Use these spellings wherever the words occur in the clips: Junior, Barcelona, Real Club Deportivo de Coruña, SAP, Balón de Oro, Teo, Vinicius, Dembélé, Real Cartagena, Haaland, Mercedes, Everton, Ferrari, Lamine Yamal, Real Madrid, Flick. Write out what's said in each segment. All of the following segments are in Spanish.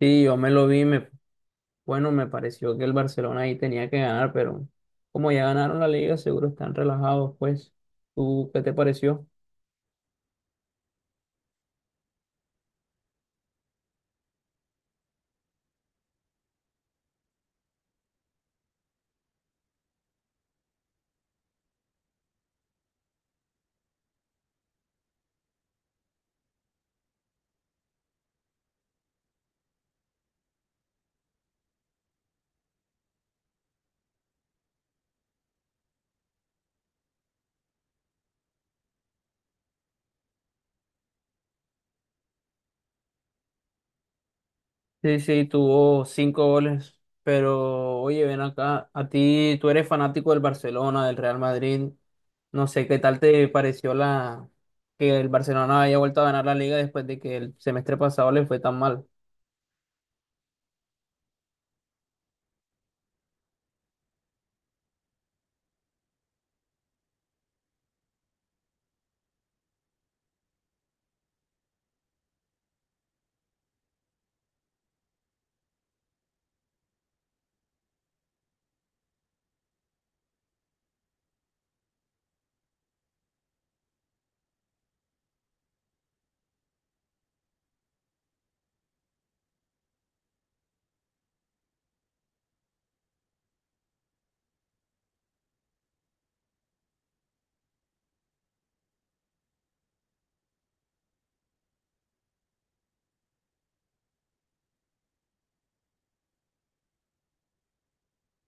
Sí, yo me lo vi, bueno, me pareció que el Barcelona ahí tenía que ganar, pero como ya ganaron la liga, seguro están relajados, pues. ¿Tú qué te pareció? Sí, sí, tuvo cinco goles, pero oye, ven acá, a ti, tú eres fanático del Barcelona, del Real Madrid, no sé qué tal te pareció la que el Barcelona haya vuelto a ganar la liga después de que el semestre pasado le fue tan mal.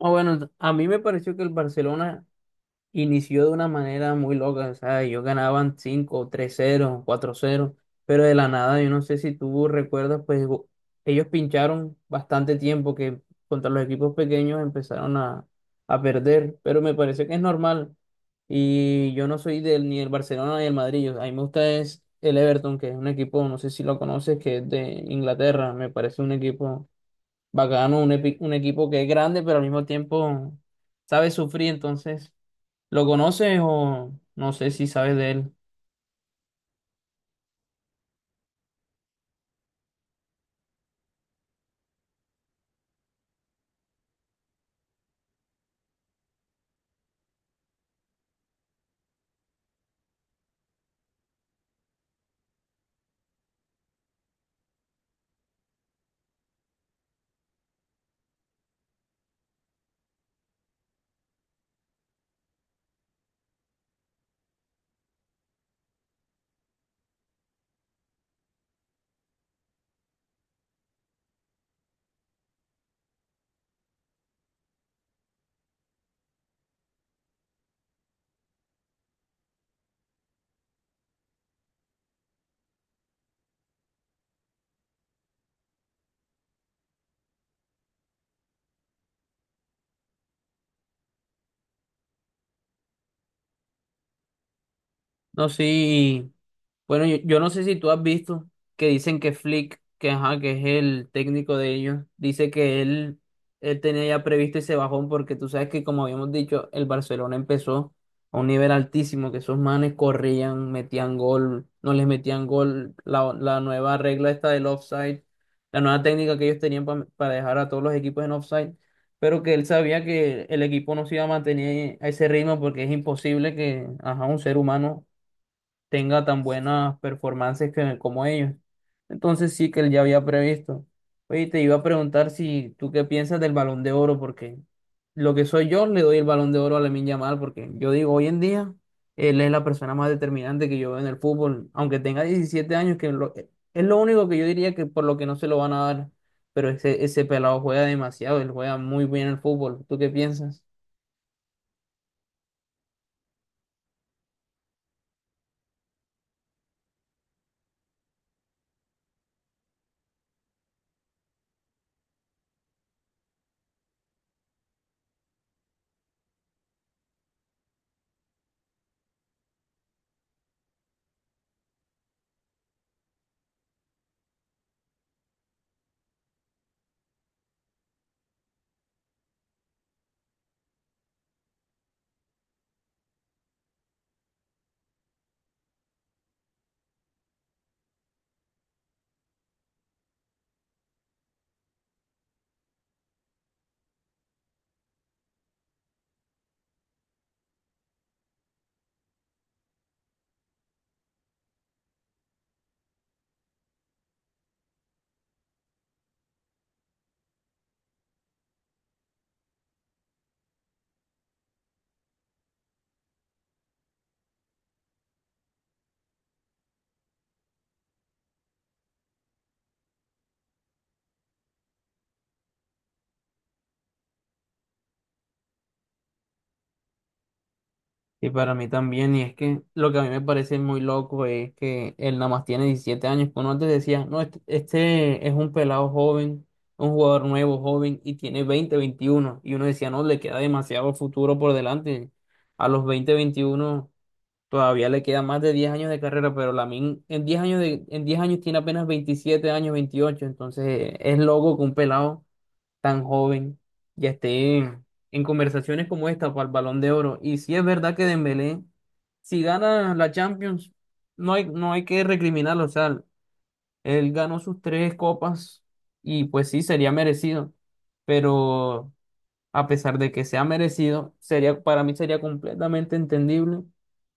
Ah, bueno, a mí me pareció que el Barcelona inició de una manera muy loca, o sea, ellos ganaban 5, tres cero, cuatro cero, pero de la nada, yo no sé si tú recuerdas, pues ellos pincharon bastante tiempo que contra los equipos pequeños empezaron a perder, pero me parece que es normal. Y yo no soy ni del Barcelona ni del Madrid, a mí me gusta es el Everton, que es un equipo, no sé si lo conoces, que es de Inglaterra, me parece un equipo bacano, un equipo que es grande, pero al mismo tiempo sabe sufrir, entonces ¿lo conoces o no sé si sabes de él? No, sí. Bueno, yo no sé si tú has visto que dicen que Flick, que, ajá, que es el técnico de ellos, dice que él tenía ya previsto ese bajón, porque tú sabes que, como habíamos dicho, el Barcelona empezó a un nivel altísimo, que esos manes corrían, metían gol, no les metían gol, la nueva regla esta del offside, la nueva técnica que ellos tenían para dejar a todos los equipos en offside, pero que él sabía que el equipo no se iba a mantener a ese ritmo, porque es imposible que, ajá, un ser humano tenga tan buenas performances como ellos. Entonces sí que él ya había previsto. Oye, te iba a preguntar si tú qué piensas del Balón de Oro, porque lo que soy yo le doy el Balón de Oro a Lamine Yamal, porque yo digo, hoy en día él es la persona más determinante que yo veo en el fútbol, aunque tenga 17 años, que es lo único que yo diría que por lo que no se lo van a dar, pero ese pelado juega demasiado, él juega muy bien el fútbol. ¿Tú qué piensas? Y para mí también, y es que lo que a mí me parece muy loco es que él nada más tiene 17 años, que uno antes decía, no, este es un pelado joven, un jugador nuevo joven, y tiene 20, 21 y uno decía, no, le queda demasiado futuro por delante, a los 20, 21 todavía le queda más de 10 años de carrera, pero Lamin en 10 años, en 10 años tiene apenas 27 años, 28, entonces es loco que un pelado tan joven y esté en conversaciones como esta para el Balón de Oro. Y si es verdad que Dembélé, si gana la Champions, no hay que recriminarlo. O sea, él ganó sus tres copas y pues sí, sería merecido. Pero a pesar de que sea merecido, sería, para mí sería completamente entendible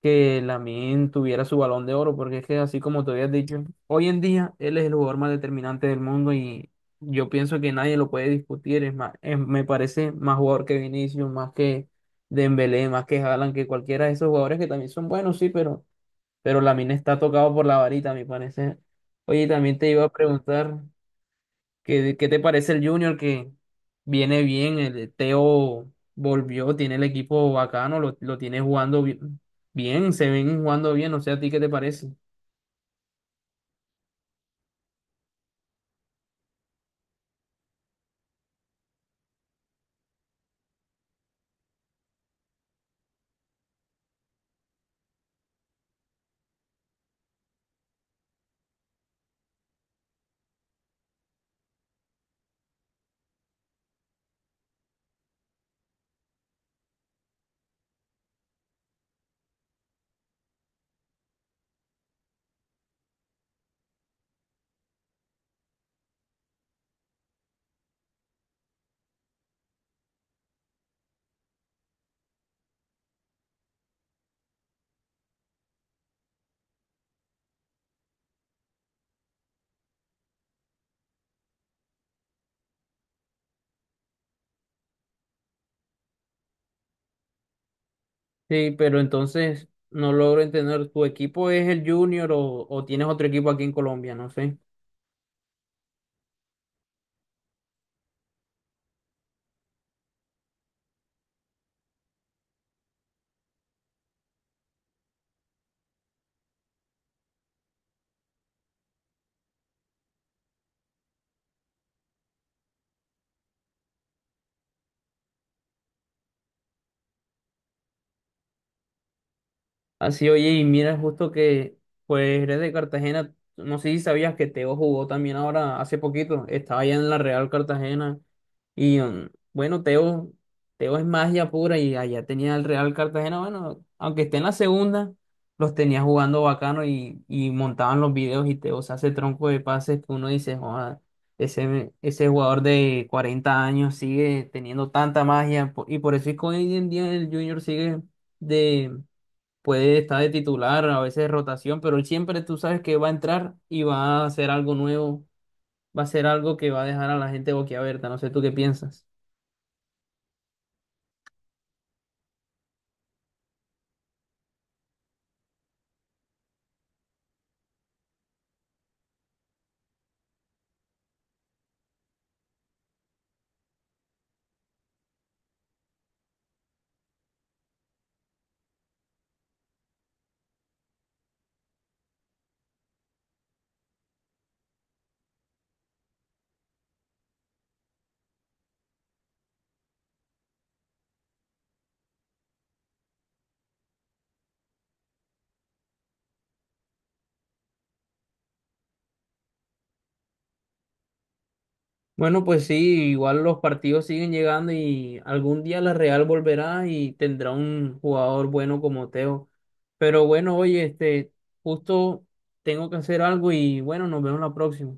que Lamine tuviera su Balón de Oro, porque es que así como te habías dicho, hoy en día él es el jugador más determinante del mundo y yo pienso que nadie lo puede discutir, es más, me parece más jugador que Vinicius, más que Dembélé, más que Haaland, que cualquiera de esos jugadores que también son buenos, sí, pero Lamine está tocado por la varita, a mi parecer. Oye, también te iba a preguntar. ¿Qué, qué te parece el Junior, que viene bien? El Teo volvió, tiene el equipo bacano, lo tiene jugando bien, se ven jugando bien, no sé a ti qué te parece. Sí, pero entonces no logro entender, ¿tu equipo es el Junior o tienes otro equipo aquí en Colombia? No sé. Así, oye, y mira, justo que pues eres de Cartagena. No sé si sabías que Teo jugó también ahora hace poquito. Estaba allá en la Real Cartagena. Y bueno, Teo, Teo es magia pura y allá tenía el Real Cartagena. Bueno, aunque esté en la segunda, los tenía jugando bacano y montaban los videos y Teo se hace tronco de pases que uno dice, joda, ese jugador de 40 años sigue teniendo tanta magia. Y por eso es que hoy en día el Junior sigue de puede estar de titular, a veces de rotación, pero él siempre, tú sabes que va a entrar y va a hacer algo nuevo, va a hacer algo que va a dejar a la gente boquiabierta, no sé tú qué piensas. Bueno, pues sí, igual los partidos siguen llegando y algún día la Real volverá y tendrá un jugador bueno como Teo. Pero bueno, oye, este, justo tengo que hacer algo y bueno, nos vemos la próxima.